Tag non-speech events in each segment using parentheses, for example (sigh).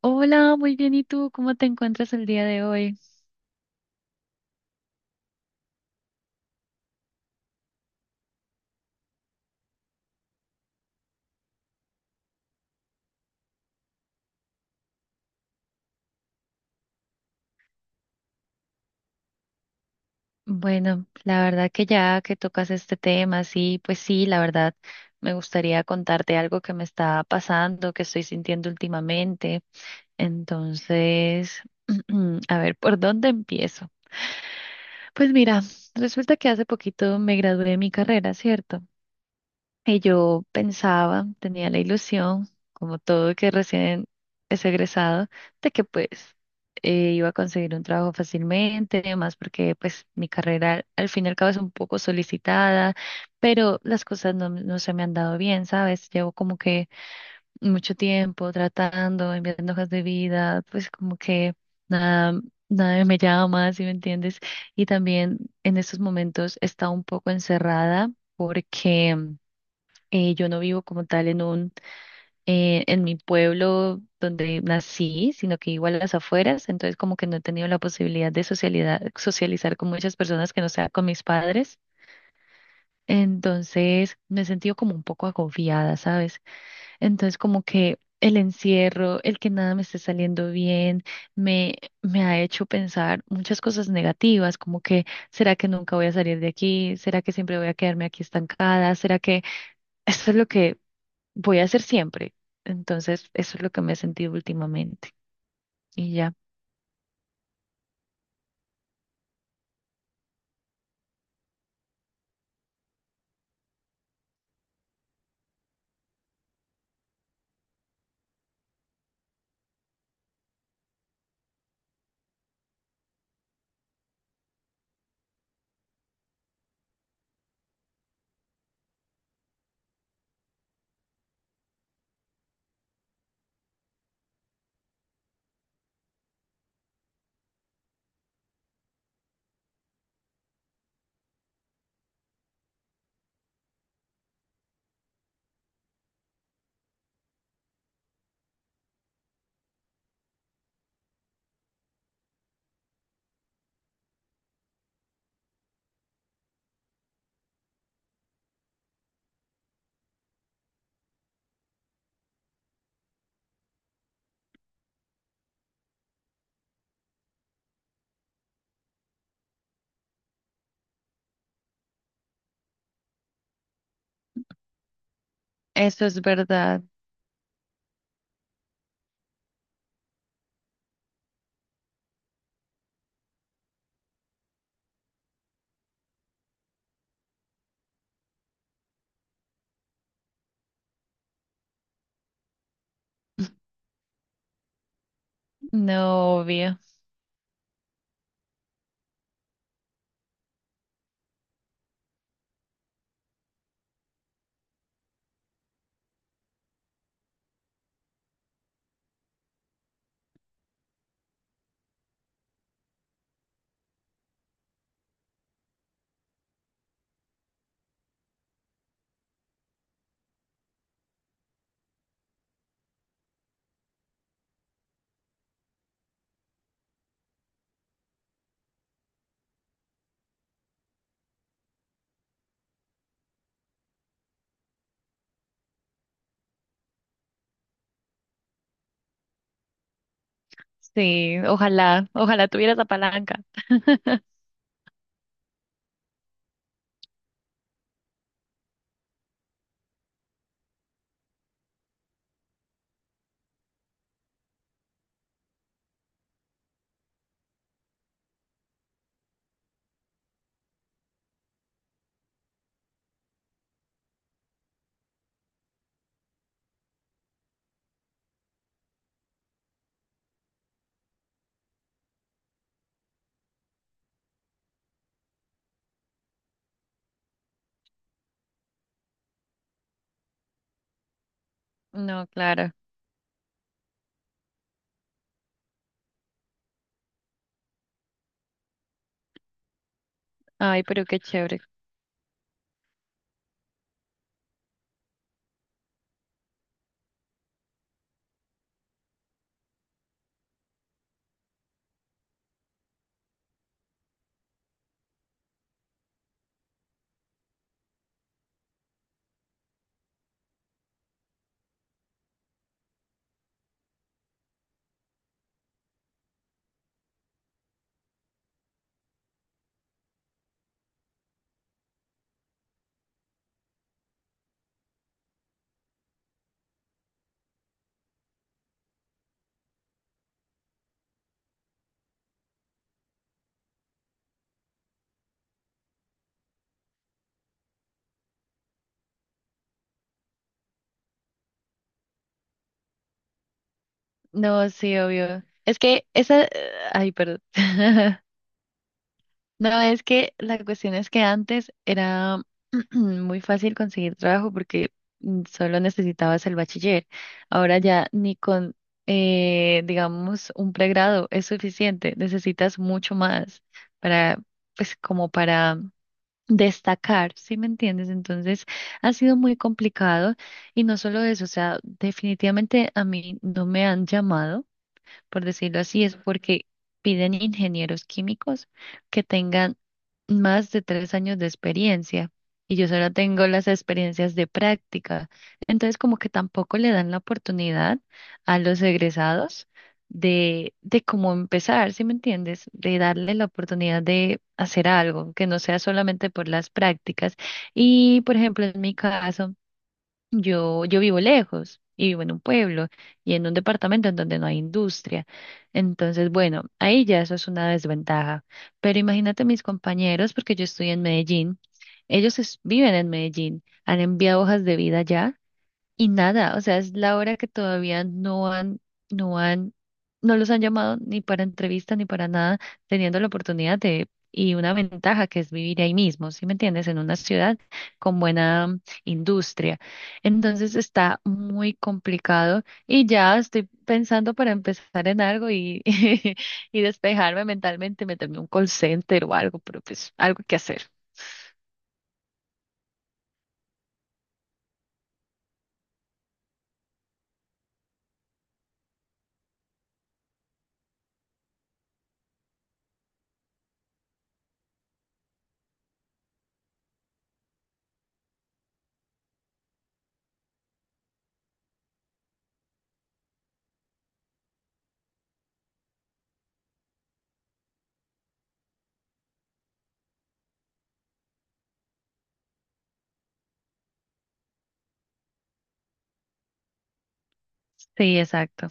Hola, muy bien. ¿Y tú cómo te encuentras el día de hoy? Bueno, la verdad que ya que tocas este tema, sí, pues sí, la verdad me gustaría contarte algo que me está pasando, que estoy sintiendo últimamente. Entonces, (clears throat) a ver, ¿por dónde empiezo? Pues mira, resulta que hace poquito me gradué de mi carrera, ¿cierto? Y yo pensaba, tenía la ilusión, como todo que recién es egresado, de que pues iba a conseguir un trabajo fácilmente, además porque pues mi carrera al fin y al cabo es un poco solicitada, pero las cosas no se me han dado bien, ¿sabes? Llevo como que mucho tiempo tratando, enviando hojas de vida, pues como que nada, nadie me llama, ¿si me entiendes? Y también en estos momentos he estado un poco encerrada porque... yo no vivo como tal en mi pueblo donde nací, sino que igual a las afueras, entonces como que no he tenido la posibilidad de socializar con muchas personas que no sea con mis padres. Entonces me he sentido como un poco agobiada, ¿sabes? Entonces como que el encierro, el que nada me esté saliendo bien, me, me ha hecho pensar muchas cosas negativas, como que ¿será que nunca voy a salir de aquí? ¿Será que siempre voy a quedarme aquí estancada? ¿Será que (laughs) esto es lo que voy a hacer siempre? Entonces, eso es lo que me he sentido últimamente. Y ya, eso es verdad, no obvio. Sí, ojalá, ojalá tuviera esa palanca. (laughs) No, claro. Ay, pero qué chévere. No, sí, obvio. Es que esa, ay, perdón. (laughs) No, es que la cuestión es que antes era (clears throat) muy fácil conseguir trabajo porque solo necesitabas el bachiller. Ahora ya ni con digamos, un pregrado es suficiente. Necesitas mucho más para, pues, como para destacar, ¿sí me entiendes? Entonces ha sido muy complicado y no solo eso, o sea, definitivamente a mí no me han llamado por decirlo así, es porque piden ingenieros químicos que tengan más de 3 años de experiencia y yo solo tengo las experiencias de práctica. Entonces, como que tampoco le dan la oportunidad a los egresados de cómo empezar, ¿sí me entiendes? De darle la oportunidad de hacer algo, que no sea solamente por las prácticas. Y, por ejemplo, en mi caso, yo vivo lejos y vivo en un pueblo y en un departamento en donde no hay industria. Entonces, bueno, ahí ya eso es una desventaja. Pero imagínate mis compañeros, porque yo estoy en Medellín, viven en Medellín, han enviado hojas de vida ya y nada, o sea, es la hora que todavía no han, no han, no los han llamado ni para entrevista ni para nada, teniendo la oportunidad de, y una ventaja que es vivir ahí mismo, ¿sí me entiendes? En una ciudad con buena industria. Entonces está muy complicado y ya estoy pensando para empezar en algo y, (laughs) y despejarme mentalmente, meterme en un call center o algo, pero pues algo que hacer. Sí, exacto.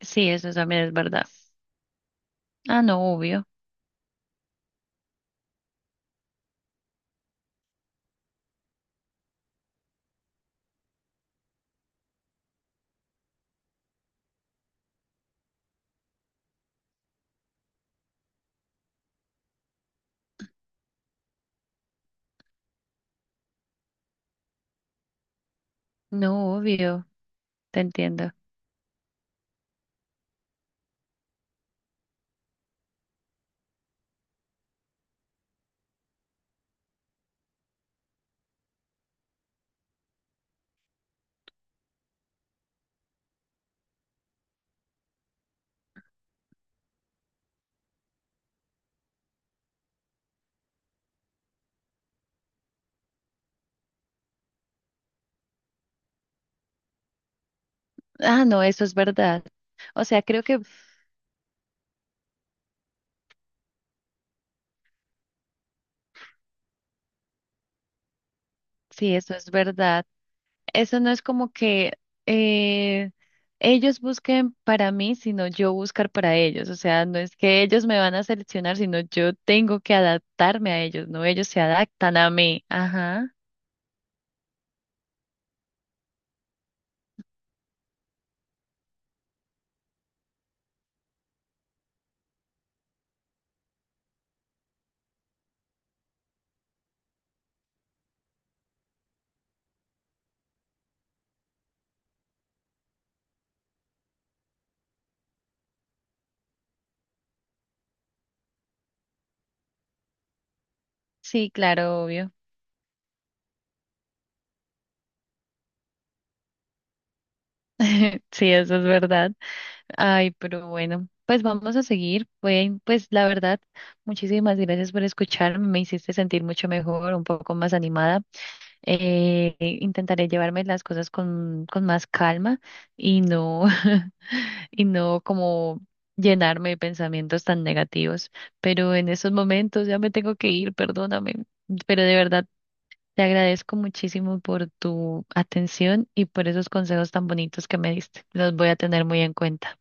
Sí, eso también es verdad. Ah, no, obvio. No, obvio, te entiendo. Ah, no, eso es verdad. O sea, creo que sí, eso es verdad. Eso no es como que eh, ellos busquen para mí, sino yo buscar para ellos. O sea, no es que ellos me van a seleccionar, sino yo tengo que adaptarme a ellos, no ellos se adaptan a mí. Ajá. Sí, claro, obvio. (laughs) Sí, eso es verdad. Ay, pero bueno, pues vamos a seguir. Bueno, pues la verdad, muchísimas gracias por escucharme. Me hiciste sentir mucho mejor, un poco más animada. Intentaré llevarme las cosas con más calma y no, (laughs) y no como llenarme de pensamientos tan negativos. Pero en estos momentos ya me tengo que ir, perdóname. Pero de verdad, te agradezco muchísimo por tu atención y por esos consejos tan bonitos que me diste. Los voy a tener muy en cuenta.